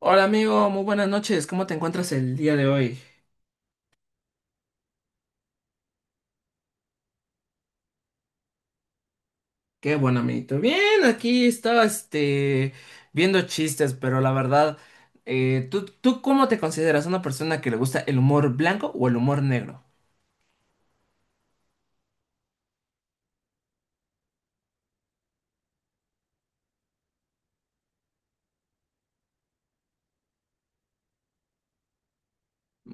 Hola amigo, muy buenas noches. ¿Cómo te encuentras el día de hoy? Qué bueno, amiguito. Bien, aquí estaba este viendo chistes, pero la verdad, ¿tú cómo te consideras una persona que le gusta el humor blanco o el humor negro?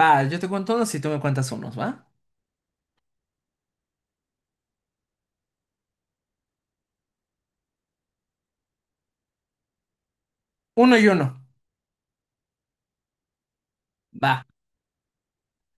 Va, yo te cuento unos y tú me cuentas unos, ¿va? Uno y uno. Va.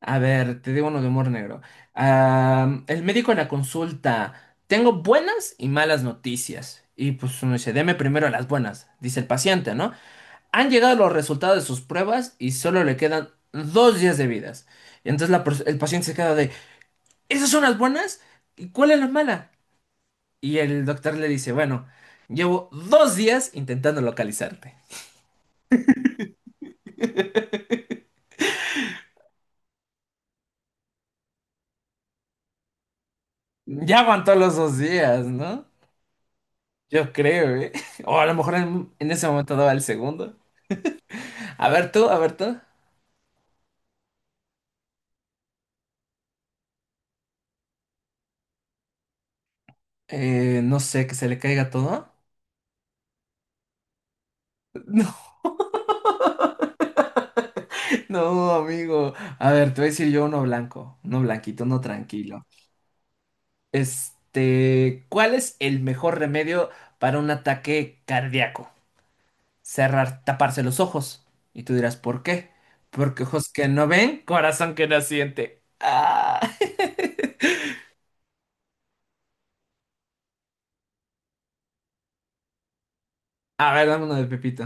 A ver, te digo uno de humor negro. Ah, el médico en la consulta. Tengo buenas y malas noticias. Y pues uno dice, deme primero las buenas, dice el paciente, ¿no? Han llegado los resultados de sus pruebas y solo le quedan 2 días de vidas. Y entonces el paciente se queda de, ¿esas son las buenas? ¿Y cuál es la mala? Y el doctor le dice, bueno, llevo 2 días intentando localizarte. Ya aguantó los 2 días, ¿no? Yo creo, ¿eh? O a lo mejor en ese momento daba el segundo. A ver tú, a ver tú. No sé, que se le caiga todo. No, no, amigo. A ver, te voy a decir yo uno blanco, uno blanquito, uno tranquilo. Este, ¿cuál es el mejor remedio para un ataque cardíaco? Cerrar, taparse los ojos. Y tú dirás, ¿por qué? Porque ojos que no ven, corazón que no siente. Ah. A ver, dame uno de Pepito.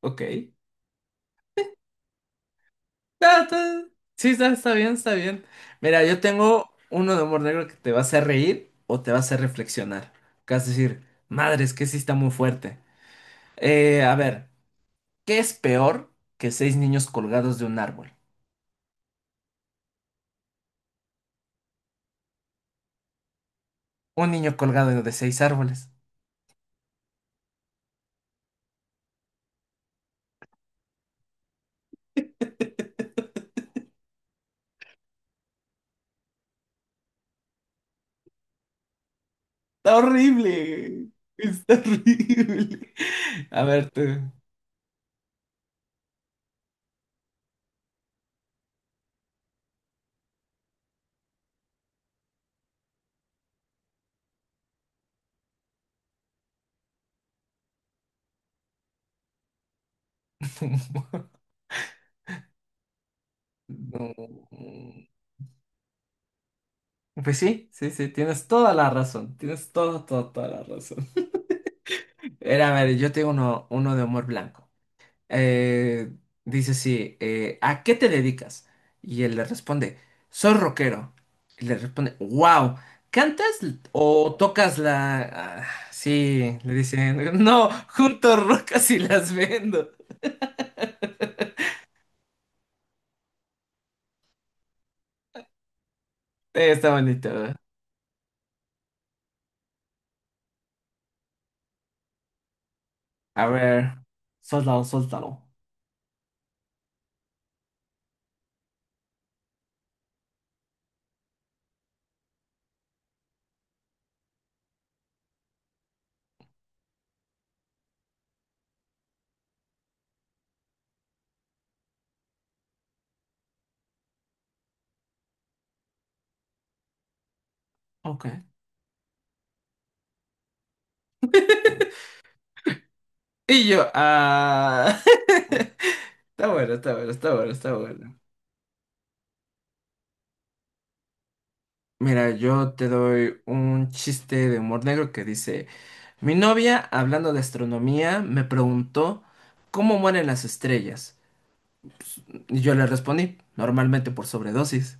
Ok. Ah, está- Sí, está, está bien, está bien. Mira, yo tengo uno de humor negro que te va a hacer reír o te va a hacer reflexionar. Que vas a decir, madre, es que sí está muy fuerte. A ver, ¿qué es peor que seis niños colgados de un árbol? Un niño colgado de seis árboles. Está horrible. Está horrible. A ver, tú. No, pues sí, sí, sí, tienes toda la razón. Tienes toda, toda, toda la razón. Era, a ver, yo tengo uno, uno de humor blanco. Eh, dice sí, ¿a qué te dedicas? Y él le responde, soy rockero. Y le responde, wow, ¿cantas o tocas la...? Ah, sí, le dicen, no, junto rocas y las vendo. Está bonito. A ver, suéltalo, suéltalo. Ok. Y yo, ah... Está bueno, está bueno, está bueno, está bueno. Mira, yo te doy un chiste de humor negro que dice... Mi novia, hablando de astronomía, me preguntó cómo mueren las estrellas. Y yo le respondí, normalmente por sobredosis.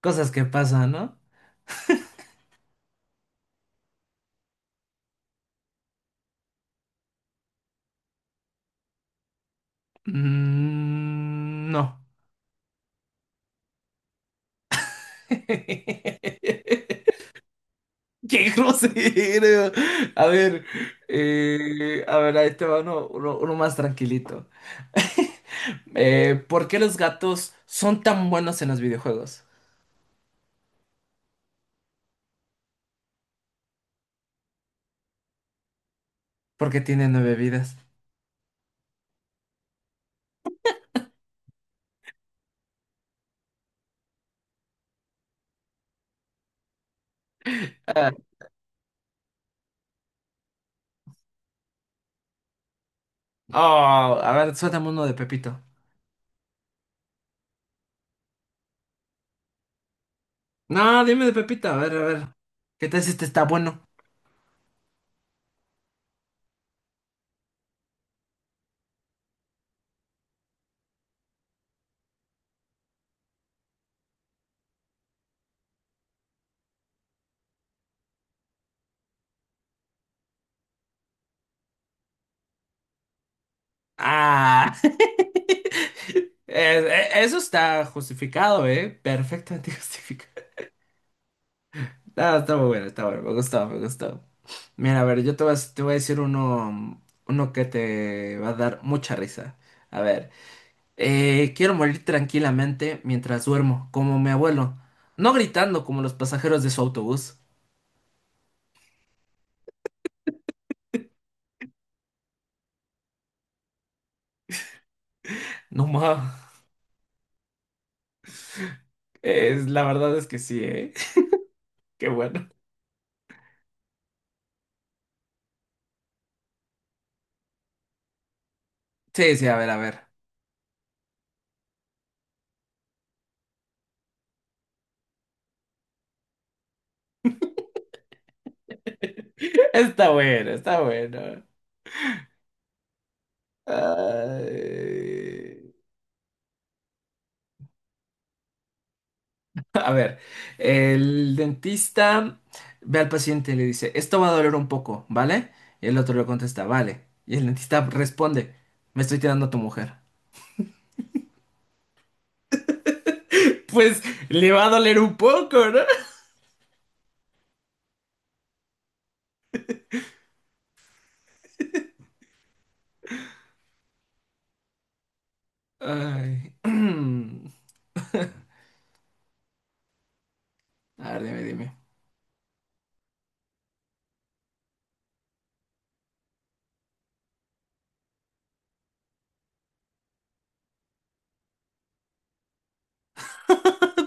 Cosas que pasan, ¿no? Mm, no. ¡Qué grosero! A ver, a ver, ahí te va uno, uno más tranquilito. ¿Por qué los gatos son tan buenos en los videojuegos? Porque tienen nueve vidas. Ah, oh, a ver, suéltame uno de Pepito. No, dime de Pepita, a ver, a ver. ¿Qué tal si este está bueno? Ah. Eso está justificado, ¿eh? Perfectamente justificado. No, está muy bueno, está bueno. Me gustó, me gustó. Mira, a ver, yo te voy a decir uno, uno que te va a dar mucha risa. A ver, quiero morir tranquilamente mientras duermo, como mi abuelo. No gritando como los pasajeros de su autobús. No más. La verdad es que sí, ¿eh? Qué bueno. Sí, sí, a ver, a ver. Está bueno, está bueno. Ay. A ver, el dentista ve al paciente y le dice, esto va a doler un poco, ¿vale? Y el otro le contesta, vale. Y el dentista responde, me estoy tirando a tu mujer. Pues le va a doler un poco, ¿no? Ay. A ver, dime, dime.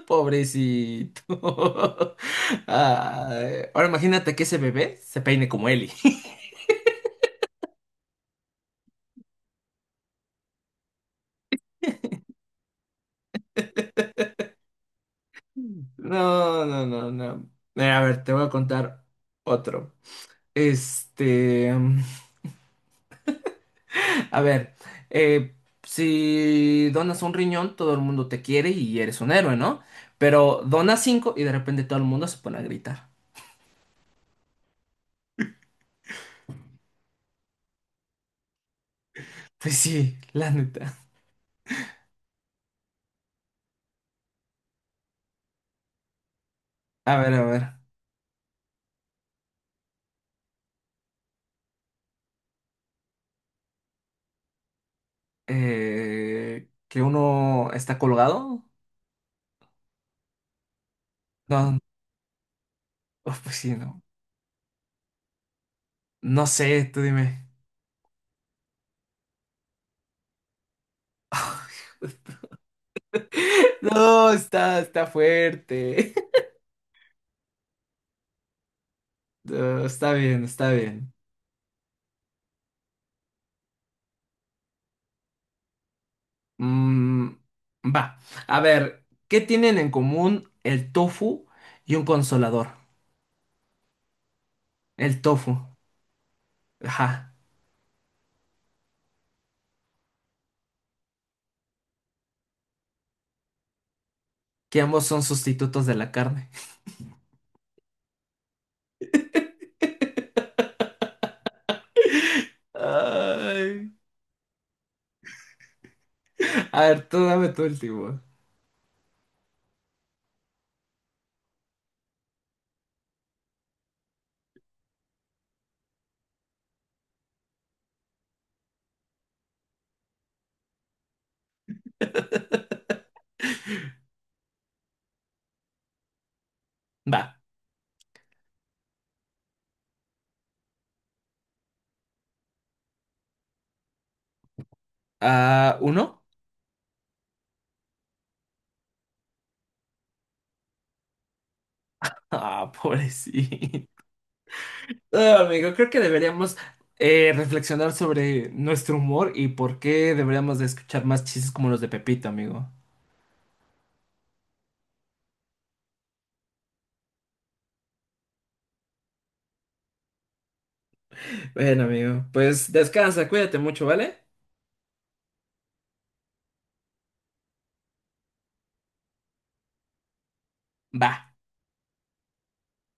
Pobrecito. Ay. Ahora imagínate que ese bebé se peine como Eli. No, no, no, no. A ver, te voy a contar otro. Este, a ver, eh, si donas un riñón, todo el mundo te quiere y eres un héroe, ¿no? Pero donas cinco y de repente todo el mundo se pone a gritar. Pues sí, la neta. A ver, a ver. Eh, que uno está colgado. No, oh, pues sí, no. No sé, tú dime. No, está, está fuerte. No, está bien, está bien. Mm, va. A ver, ¿qué tienen en común el tofu y un consolador? El tofu. Ajá. Que ambos son sustitutos de la carne. Ay. A ver, tú dame tu último. Va. Ah, ¿uno? Ah, pobrecito. Ah, amigo, creo que deberíamos reflexionar sobre nuestro humor y por qué deberíamos de escuchar más chistes como los de Pepito, amigo. Bueno, amigo, pues descansa, cuídate mucho, ¿vale? Va.